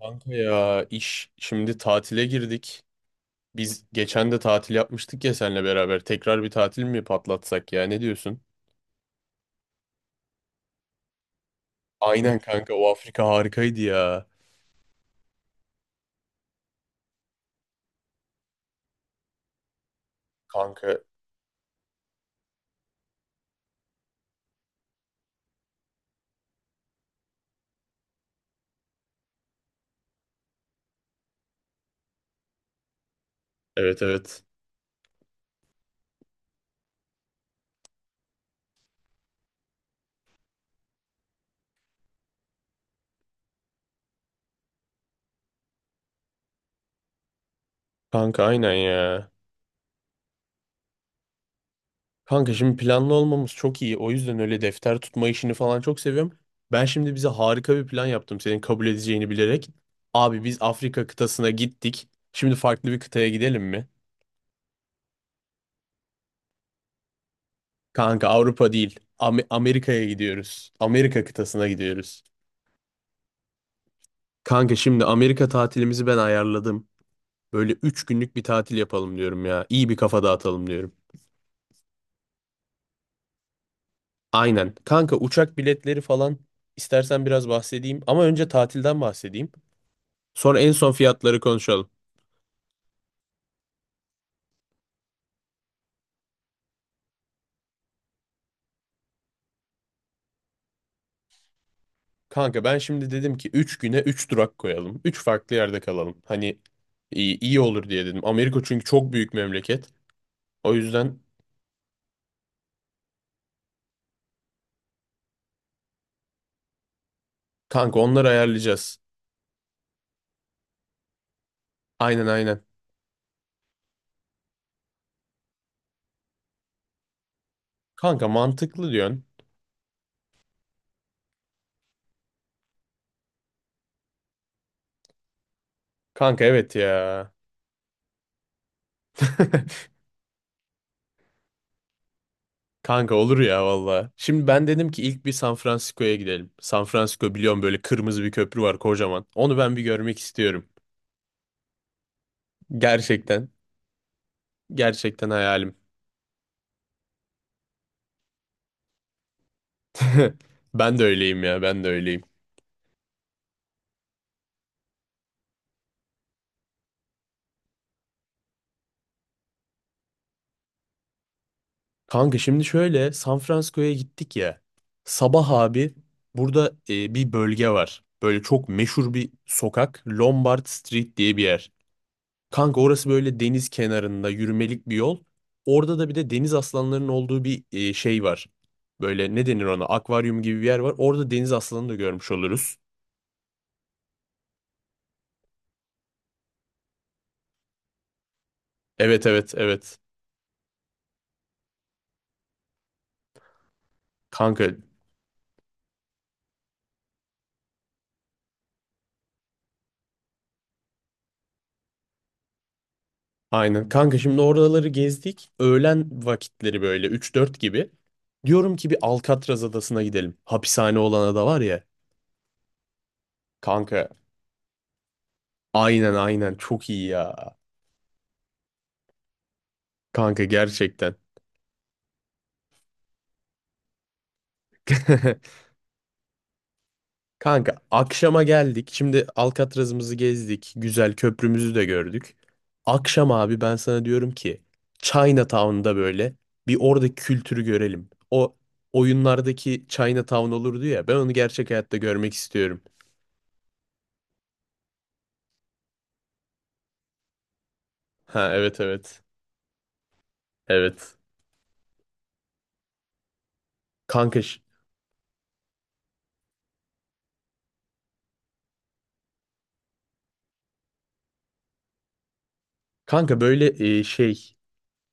Kanka ya iş şimdi tatile girdik. Biz geçen de tatil yapmıştık ya seninle beraber. Tekrar bir tatil mi patlatsak ya ne diyorsun? Aynen kanka o Afrika harikaydı ya. Kanka evet, evet. Kanka aynen ya. Kanka şimdi planlı olmamız çok iyi. O yüzden öyle defter tutma işini falan çok seviyorum. Ben şimdi bize harika bir plan yaptım senin kabul edeceğini bilerek. Abi biz Afrika kıtasına gittik. Şimdi farklı bir kıtaya gidelim mi? Kanka Avrupa değil. Amerika'ya gidiyoruz. Amerika kıtasına gidiyoruz. Kanka şimdi Amerika tatilimizi ben ayarladım. Böyle 3 günlük bir tatil yapalım diyorum ya. İyi bir kafa dağıtalım diyorum. Aynen. Kanka uçak biletleri falan istersen biraz bahsedeyim. Ama önce tatilden bahsedeyim. Sonra en son fiyatları konuşalım. Kanka ben şimdi dedim ki 3 güne 3 durak koyalım. Üç farklı yerde kalalım. Hani iyi olur diye dedim. Amerika çünkü çok büyük memleket. O yüzden kanka onları ayarlayacağız. Aynen, aynen. Kanka mantıklı diyorsun. Kanka evet ya. Kanka olur ya valla. Şimdi ben dedim ki ilk bir San Francisco'ya gidelim. San Francisco biliyorum, böyle kırmızı bir köprü var kocaman. Onu ben bir görmek istiyorum. Gerçekten. Gerçekten hayalim. Ben de öyleyim ya, ben de öyleyim. Kanka şimdi şöyle San Francisco'ya gittik ya. Sabah abi burada bir bölge var. Böyle çok meşhur bir sokak. Lombard Street diye bir yer. Kanka orası böyle deniz kenarında yürümelik bir yol. Orada da bir de deniz aslanlarının olduğu bir şey var. Böyle ne denir ona? Akvaryum gibi bir yer var. Orada deniz aslanını da görmüş oluruz. Evet, evet, evet. Kanka aynen. Kanka şimdi oraları gezdik. Öğlen vakitleri böyle 3-4 gibi. Diyorum ki bir Alcatraz adasına gidelim. Hapishane olan ada var ya. Kanka aynen, aynen, çok iyi ya. Kanka gerçekten. Kanka akşama geldik. Şimdi Alcatraz'ımızı gezdik. Güzel köprümüzü de gördük. Akşam abi ben sana diyorum ki Chinatown'da böyle bir oradaki kültürü görelim. O oyunlardaki Chinatown olurdu ya, ben onu gerçek hayatta görmek istiyorum. Ha, evet, evet. Evet. Kanka, ş- kanka böyle e, şey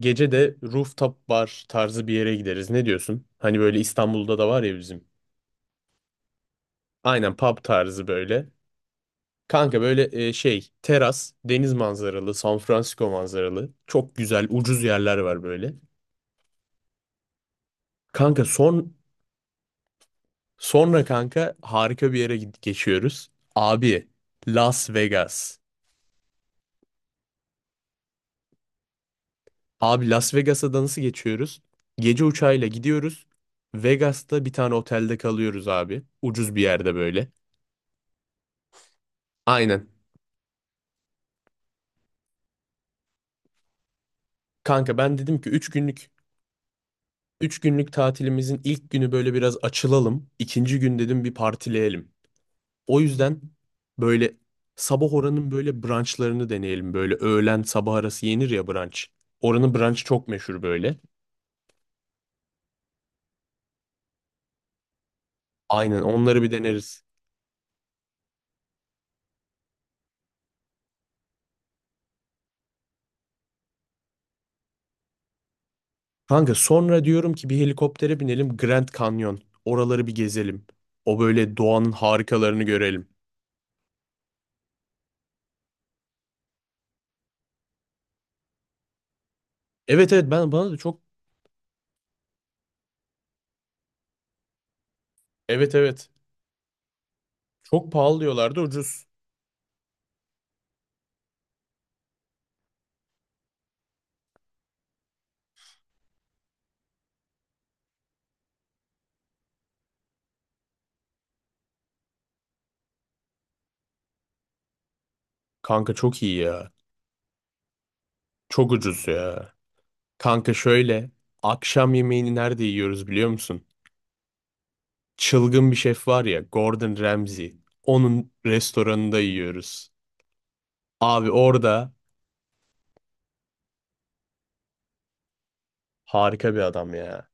gece de rooftop bar tarzı bir yere gideriz. Ne diyorsun? Hani böyle İstanbul'da da var ya bizim. Aynen pub tarzı böyle. Kanka böyle teras, deniz manzaralı, San Francisco manzaralı. Çok güzel, ucuz yerler var böyle. Kanka sonra kanka harika bir yere geçiyoruz. Abi, Las Vegas. Abi Las Vegas'a da nasıl geçiyoruz? Gece uçağıyla gidiyoruz. Vegas'ta bir tane otelde kalıyoruz abi. Ucuz bir yerde böyle. Aynen. Kanka ben dedim ki üç günlük tatilimizin ilk günü böyle biraz açılalım. İkinci gün dedim bir partileyelim. O yüzden böyle sabah oranın böyle brunchlarını deneyelim. Böyle öğlen sabah arası yenir ya brunch. Oranın brunch çok meşhur böyle. Aynen onları bir deneriz. Kanka sonra diyorum ki bir helikoptere binelim Grand Canyon. Oraları bir gezelim. O böyle doğanın harikalarını görelim. Evet, evet, bana da çok evet, evet, çok pahalı diyorlardı, ucuz. Kanka çok iyi ya. Çok ucuz ya. Kanka şöyle, akşam yemeğini nerede yiyoruz biliyor musun? Çılgın bir şef var ya, Gordon Ramsay. Onun restoranında yiyoruz. Abi orada harika bir adam ya.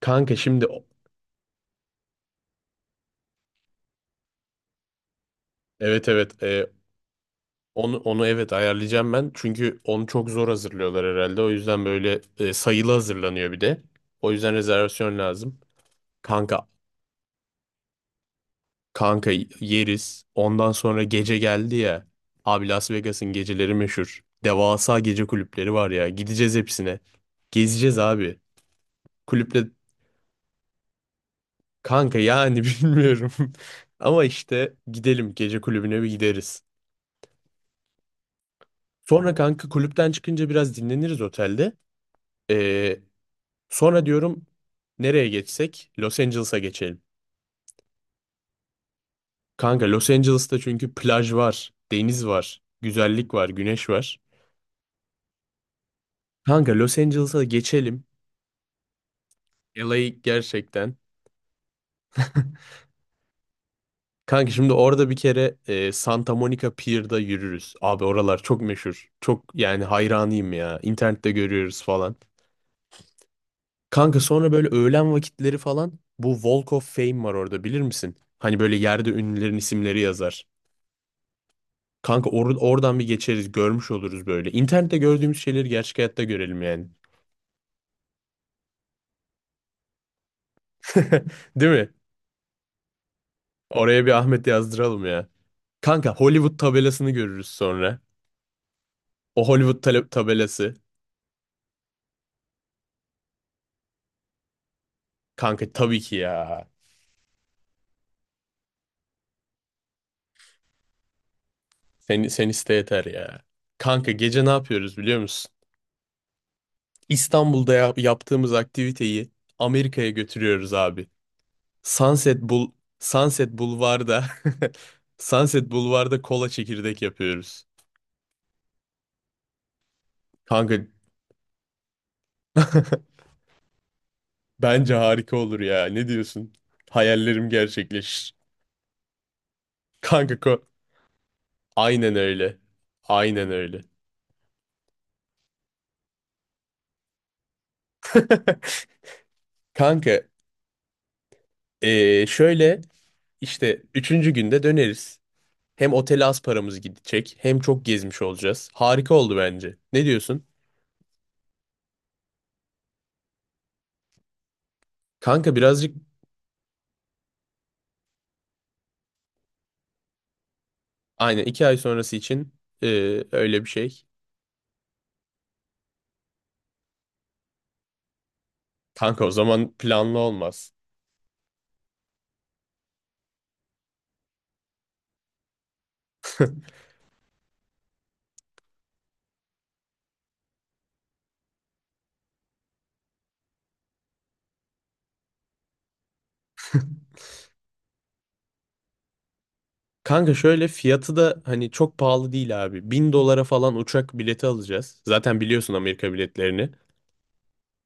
Kanka şimdi evet, evet, onu evet ayarlayacağım ben. Çünkü onu çok zor hazırlıyorlar herhalde. O yüzden böyle sayılı hazırlanıyor bir de. O yüzden rezervasyon lazım. Kanka kanka yeriz. Ondan sonra gece geldi ya. Abi Las Vegas'ın geceleri meşhur. Devasa gece kulüpleri var ya. Gideceğiz hepsine. Gezeceğiz abi. Kulüple Kanka yani bilmiyorum. Ama işte gidelim, gece kulübüne bir gideriz. Sonra kanka kulüpten çıkınca biraz dinleniriz otelde. Ee, Sonra diyorum, nereye geçsek? Los Angeles'a geçelim. Kanka Los Angeles'ta çünkü plaj var, deniz var, güzellik var, güneş var. Kanka Los Angeles'a geçelim. LA gerçekten. Kanka şimdi orada bir kere Santa Monica Pier'da yürürüz. Abi oralar çok meşhur. Çok yani hayranıyım ya. İnternette görüyoruz falan. Kanka sonra böyle öğlen vakitleri falan bu Walk of Fame var orada, bilir misin? Hani böyle yerde ünlülerin isimleri yazar. Kanka oradan bir geçeriz, görmüş oluruz böyle. İnternette gördüğümüz şeyleri gerçek hayatta görelim yani. Değil mi? Oraya bir Ahmet yazdıralım ya. Kanka Hollywood tabelasını görürüz sonra. O Hollywood tabelası. Kanka tabii ki ya. Sen iste yeter ya. Kanka gece ne yapıyoruz biliyor musun? İstanbul'da yaptığımız aktiviteyi Amerika'ya götürüyoruz abi. Sunset Bul Sunset Bulvar'da Sunset Bulvar'da kola çekirdek yapıyoruz. Kanka bence harika olur ya. Ne diyorsun? Hayallerim gerçekleşir. Kanka aynen öyle. Aynen öyle. Kanka şöyle işte üçüncü günde döneriz. Hem otele az paramız gidecek, hem çok gezmiş olacağız. Harika oldu bence. Ne diyorsun? Kanka birazcık aynen 2 ay sonrası için öyle bir şey. Kanka o zaman planlı olmaz. Kanka şöyle, fiyatı da hani çok pahalı değil abi. 1.000 dolara falan uçak bileti alacağız. Zaten biliyorsun Amerika biletlerini.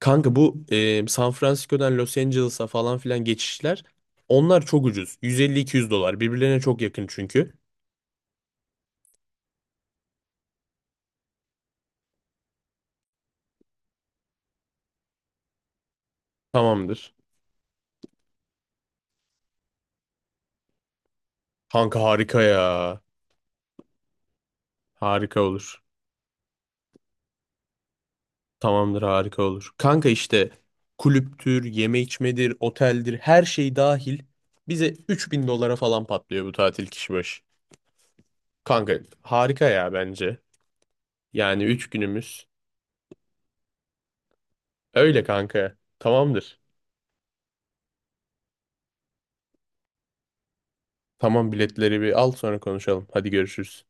Kanka bu San Francisco'dan Los Angeles'a falan filan geçişler onlar çok ucuz. 150-200 dolar. Birbirlerine çok yakın çünkü. Tamamdır. Kanka harika ya. Harika olur. Tamamdır, harika olur. Kanka işte kulüptür, yeme içmedir, oteldir, her şey dahil bize 3.000 dolara falan patlıyor bu tatil kişi başı. Kanka harika ya bence. Yani 3 günümüz. Öyle kanka. Tamamdır. Tamam, biletleri bir al sonra konuşalım. Hadi görüşürüz.